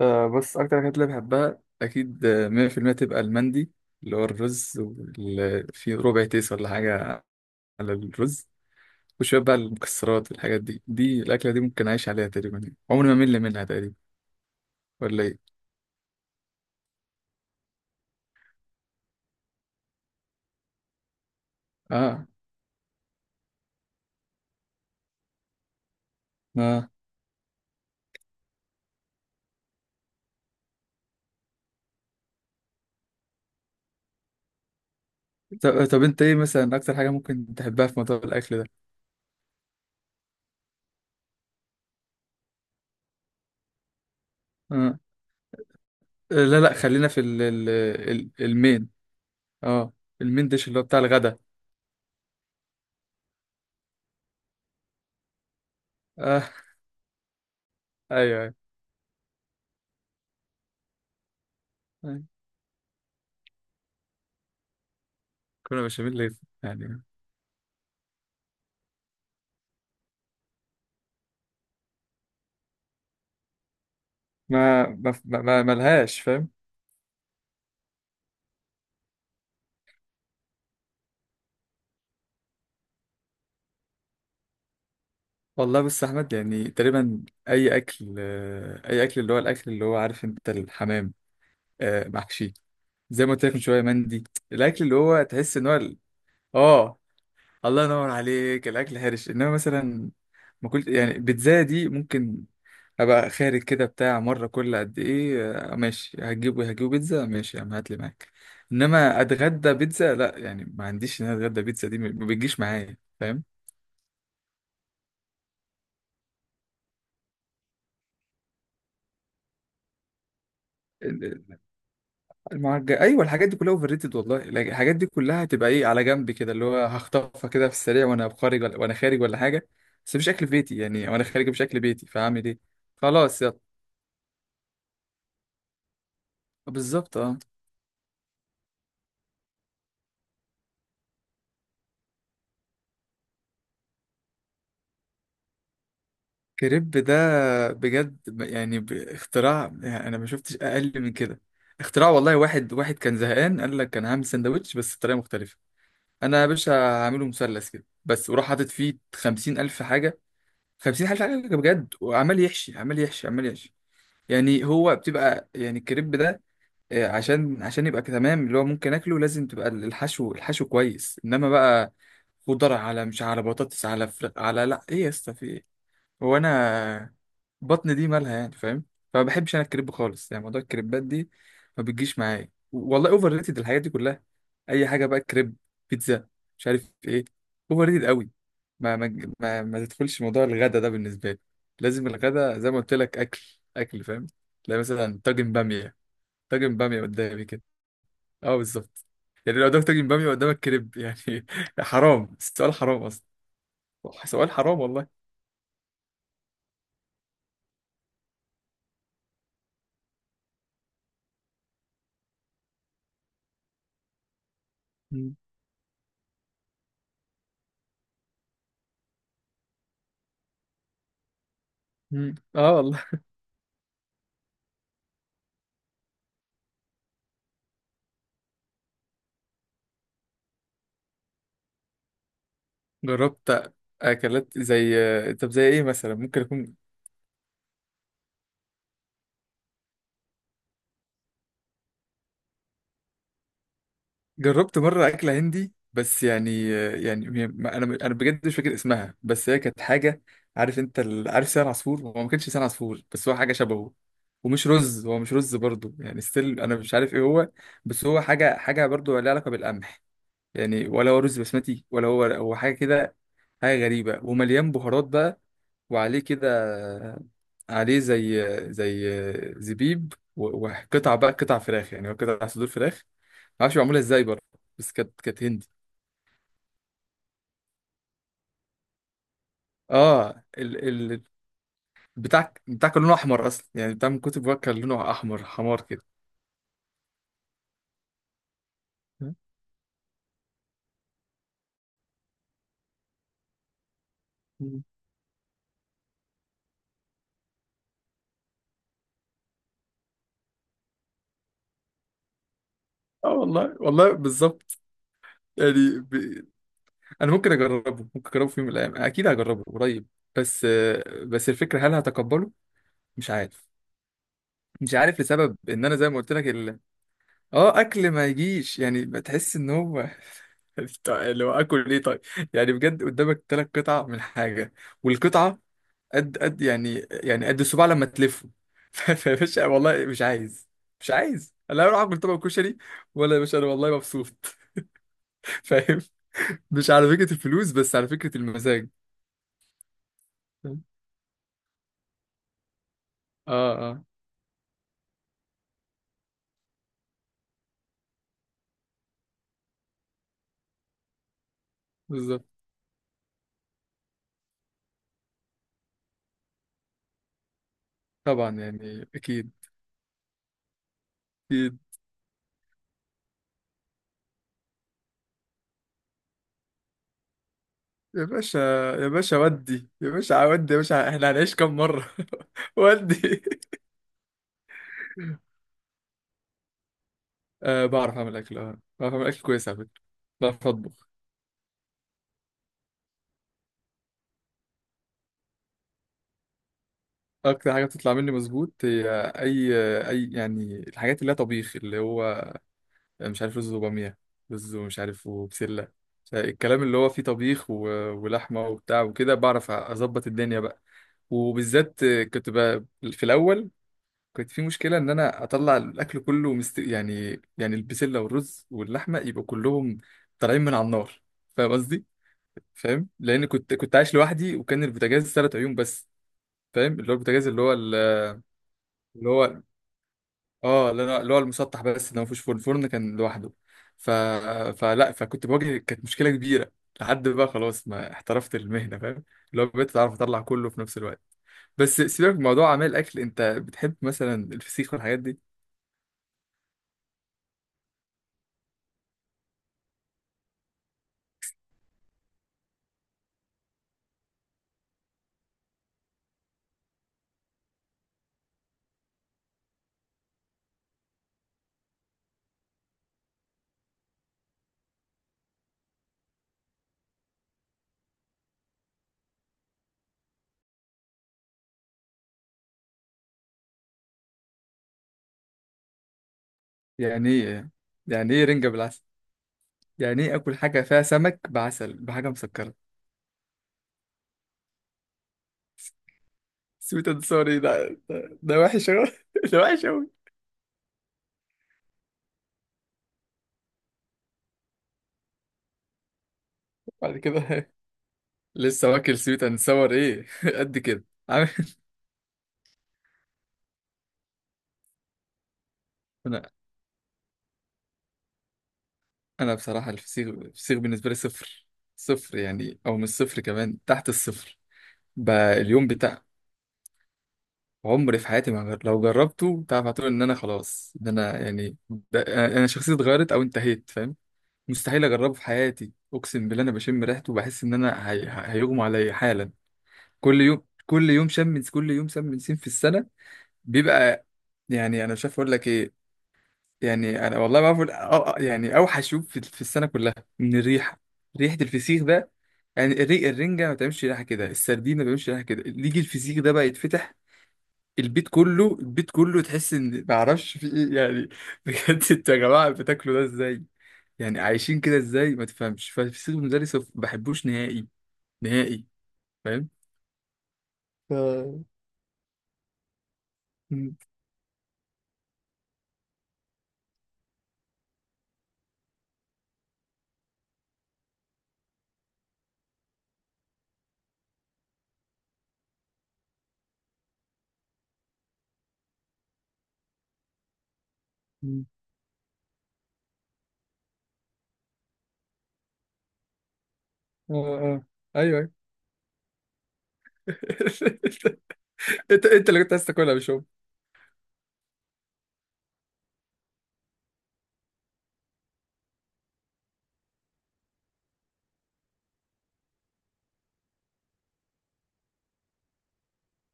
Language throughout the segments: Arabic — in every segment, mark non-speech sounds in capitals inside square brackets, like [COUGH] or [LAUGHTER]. آه، بس أكتر حاجات اللي بحبها أكيد، 100% تبقى المندي اللي هو الرز واللي فيه ربع تيس ولا حاجة على الرز، وشوية بقى المكسرات والحاجات دي الأكلة دي ممكن أعيش عليها تقريبا يعني. عمري ما أمل منها تقريبا، ولا إيه؟ آه آه. طب أنت إيه مثلا أكتر حاجة ممكن تحبها في موضوع الأكل ده؟ آه آه، لا لا، خلينا في المين. آه. المين ديش اللي هو بتاع الغدا. آه. أيوه أيوه أيوه. كنا بشاميل يعني، ملهاش. والله بص يا احمد، يعني تقريبا اي اكل، اي اكل اللي هو الاكل، اللي هو عارف انت، الحمام، محشي، زي ما قلت لك من شويه، مندي. الاكل اللي هو تحس ان هو اه، الله ينور عليك. الاكل هرش. انما مثلا ما كنت يعني، بيتزا دي ممكن ابقى خارج كده بتاع، مره كل قد ايه، ماشي هتجيبه بيتزا، ماشي يا عم هات لي معاك. انما اتغدى بيتزا لا يعني، ما عنديش ان انا اتغدى بيتزا دي، ما بتجيش معايا فاهم. المعجن ايوه، الحاجات دي كلها اوفر ريتد والله. الحاجات دي كلها هتبقى ايه على جنب كده اللي هو هخطفها كده في السريع وانا خارج، ولا وانا خارج ولا حاجه، بس مش اكل في بيتي يعني، وانا خارج مش اكل بيتي، فاعمل ايه؟ خلاص يلا. بالظبط، اه. كريب ده بجد، يعني اختراع، يعني انا ما شفتش اقل من كده. اختراع والله. واحد واحد كان زهقان قال لك انا هعمل سندوتش بس بطريقه مختلفه، انا يا باشا هعمله مثلث كده بس، وراح حاطط فيه خمسين الف حاجه. خمسين الف حاجه بجد، وعمال يحشي عمال يحشي عمال يحشي. يعني هو بتبقى يعني الكريب ده، عشان يبقى تمام اللي هو ممكن اكله، لازم تبقى الحشو الحشو كويس. انما بقى خضار، على مش على بطاطس، على فر... على، لا ايه يا اسطى في إيه؟ وانا بطن دي مالها يعني، فاهم؟ فما بحبش انا الكريب خالص، يعني موضوع الكريبات دي ما بتجيش معايا والله، اوفر ريتد الحاجات دي كلها. اي حاجه بقى، كريب، بيتزا، مش عارف ايه، اوفر ريتد قوي. ما تدخلش موضوع الغدا ده بالنسبه لي. لازم الغدا زي ما قلت لك اكل، اكل فاهم. تلاقي مثلا طاجن باميه، طاجن باميه قدامي كده، اه بالظبط. يعني لو قدامك طاجن باميه، قدامك كريب، يعني [LAUGHS] حرام السؤال، حرام اصلا. سؤال حرام والله. مم. مم. اه والله. جربت اكلات، زي طب زي ايه مثلا ممكن اكون جربت. مره اكله هندي، بس يعني يعني انا بجد مش فاكر اسمها، بس هي كانت حاجه، عارف انت ال... عارف لسان عصفور، هو ما كانش لسان عصفور بس هو حاجه شبهه، ومش رز، هو مش رز برضه يعني، ستيل انا مش عارف ايه هو، بس هو حاجه حاجه برضه لها علاقه بالقمح. يعني ولا هو رز بسمتي، ولا هو هو حاجه كده، حاجه غريبه ومليان بهارات بقى، وعليه كده، عليه زي زي زبيب، وقطع بقى، قطع فراخ، يعني هو قطع صدور فراخ، معرفش معمولة ازاي برضه، بس كانت كانت هندي. اه ال ال بتاع بتاع كان لونه احمر اصلا، يعني بتاع من كتب بقى كان لونه احمر حمار كده. مم. اه والله والله بالظبط. يعني ب... انا ممكن اجربه، ممكن اجربه في يوم من الايام، اكيد هجربه قريب، بس بس الفكره هل هتقبله، مش عارف، مش عارف لسبب ان انا زي ما قلت لك اه، اكل ما يجيش، يعني بتحس ان هو [LAUGHS] طيب، اللي هو اكل ايه طيب؟ يعني بجد قدامك 3 قطع من حاجه، والقطعه قد قد يعني، يعني قد الصباع لما تلفه [LAUGHS] فيا باشا والله مش عايز. مش عايز، لا اروح اكل طبق كشري، ولا يا باشا انا والله مبسوط [LAUGHS] فاهم. مش على فكره الفلوس، بس على فكره المزاج. اه اه بالظبط. طبعا يعني اكيد. اكيد. يا باشا يا باشا ودي، يا باشا ودي يا باشا، احنا هنعيش كام مره؟ [LAUGHS] ودي. أه بعرف أعمل أكل، أه بعرف أعمل أكل كويس على فكرة، بعرف أطبخ. أكتر حاجة بتطلع مني مظبوط هي أي أي يعني الحاجات اللي هي طبيخ، اللي هو مش عارف رز وبامية، رز ومش عارف وبسلة، مش عارف- الكلام اللي هو فيه طبيخ و... ولحمة وبتاع وكده، بعرف أظبط الدنيا بقى. وبالذات كنت بقى في الأول، كنت في مشكلة إن أنا أطلع الأكل كله مست... يعني يعني البسلة والرز واللحمة يبقوا كلهم طالعين من على النار، فاهم قصدي؟ فاهم. لان كنت كنت عايش لوحدي، وكان البوتاجاز 3 عيون بس، فاهم اللي هو البوتاجاز اللي هو اللي هو اه اللي هو اللي هو المسطح بس، اللي ما فيهوش فرن، الفرن كان لوحده. ف... فلا فكنت بواجه، كانت مشكله كبيره لحد بقى خلاص ما احترفت المهنه، فاهم اللي هو بقيت اعرف اطلع كله في نفس الوقت. بس سيبك من موضوع اعمال الاكل، انت بتحب مثلا الفسيخ والحاجات دي؟ يعني ايه؟ يعني ايه رنجه بالعسل؟ يعني ايه اكل حاجه فيها سمك بعسل بحاجه مسكره؟ سويت اند سوري ده ده ده وحش أوي. [LAUGHS] ده وحش أوي. بعد كده لسه واكل سويت اند ساور ايه؟ [LAUGHS] قد كده عامل. انا انا بصراحه الفسيخ الفسيخ بالنسبه لي صفر. صفر يعني، او مش صفر، كمان تحت الصفر. بقى اليوم بتاع عمري في حياتي ما جر... لو جربته تعرف، هتقول ان انا خلاص. ده انا يعني، ده انا شخصيتي اتغيرت او انتهيت، فاهم. مستحيل اجربه في حياتي، اقسم بالله. انا بشم ريحته وبحس ان انا هي... هيغمى عليا حالا. كل يوم، كل يوم شم، كل يوم شم نسيم في السنه بيبقى، يعني انا مش عارف اقول لك ايه، يعني انا والله ما اعرف يعني اوحش يوم في السنه كلها، من الريحه، ريحه الفسيخ ده. يعني الري الرنجه ما بتعملش ريحه كده، السردين ما بيعملش ريحه كده، اللي يجي الفسيخ ده بقى يتفتح البيت كله، البيت كله تحس ان ما اعرفش في ايه يعني. [LAUGHS] بجد، انتوا يا جماعه بتاكلوا ده ازاي؟ يعني عايشين كده ازاي، ما تفهمش. فالفسيخ بالنسبه لي صفر، ما بحبوش نهائي، نهائي، فاهم. ف... م- م- اه اه ايوه. [LAUGHS] انت انت اللي كنت عايز تاكلها، مش؟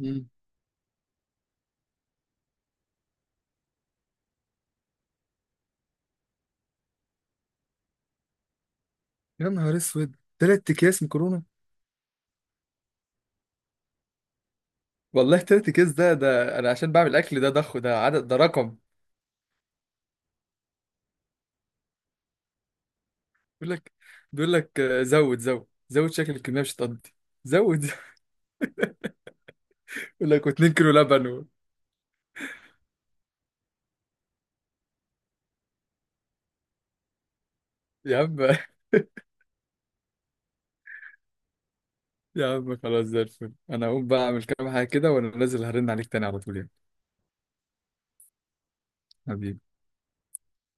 هم. يا نهار اسود، 3 اكياس مكرونه! والله 3 اكياس ده، ده انا عشان بعمل اكل، ده ضخ ده عدد، ده رقم. بيقول لك، بيقول لك آه، زود زود زود، شكل الكميه مش هتقضي، زود زود. [LAUGHS] يقول لك و2 كيلو لبن و... يا عم. [LAUGHS] يا عم خلاص زي الفل، انا هقوم بقى اعمل كام حاجه كده وانا نازل هرن عليك تاني على طول يعني. حبيبي.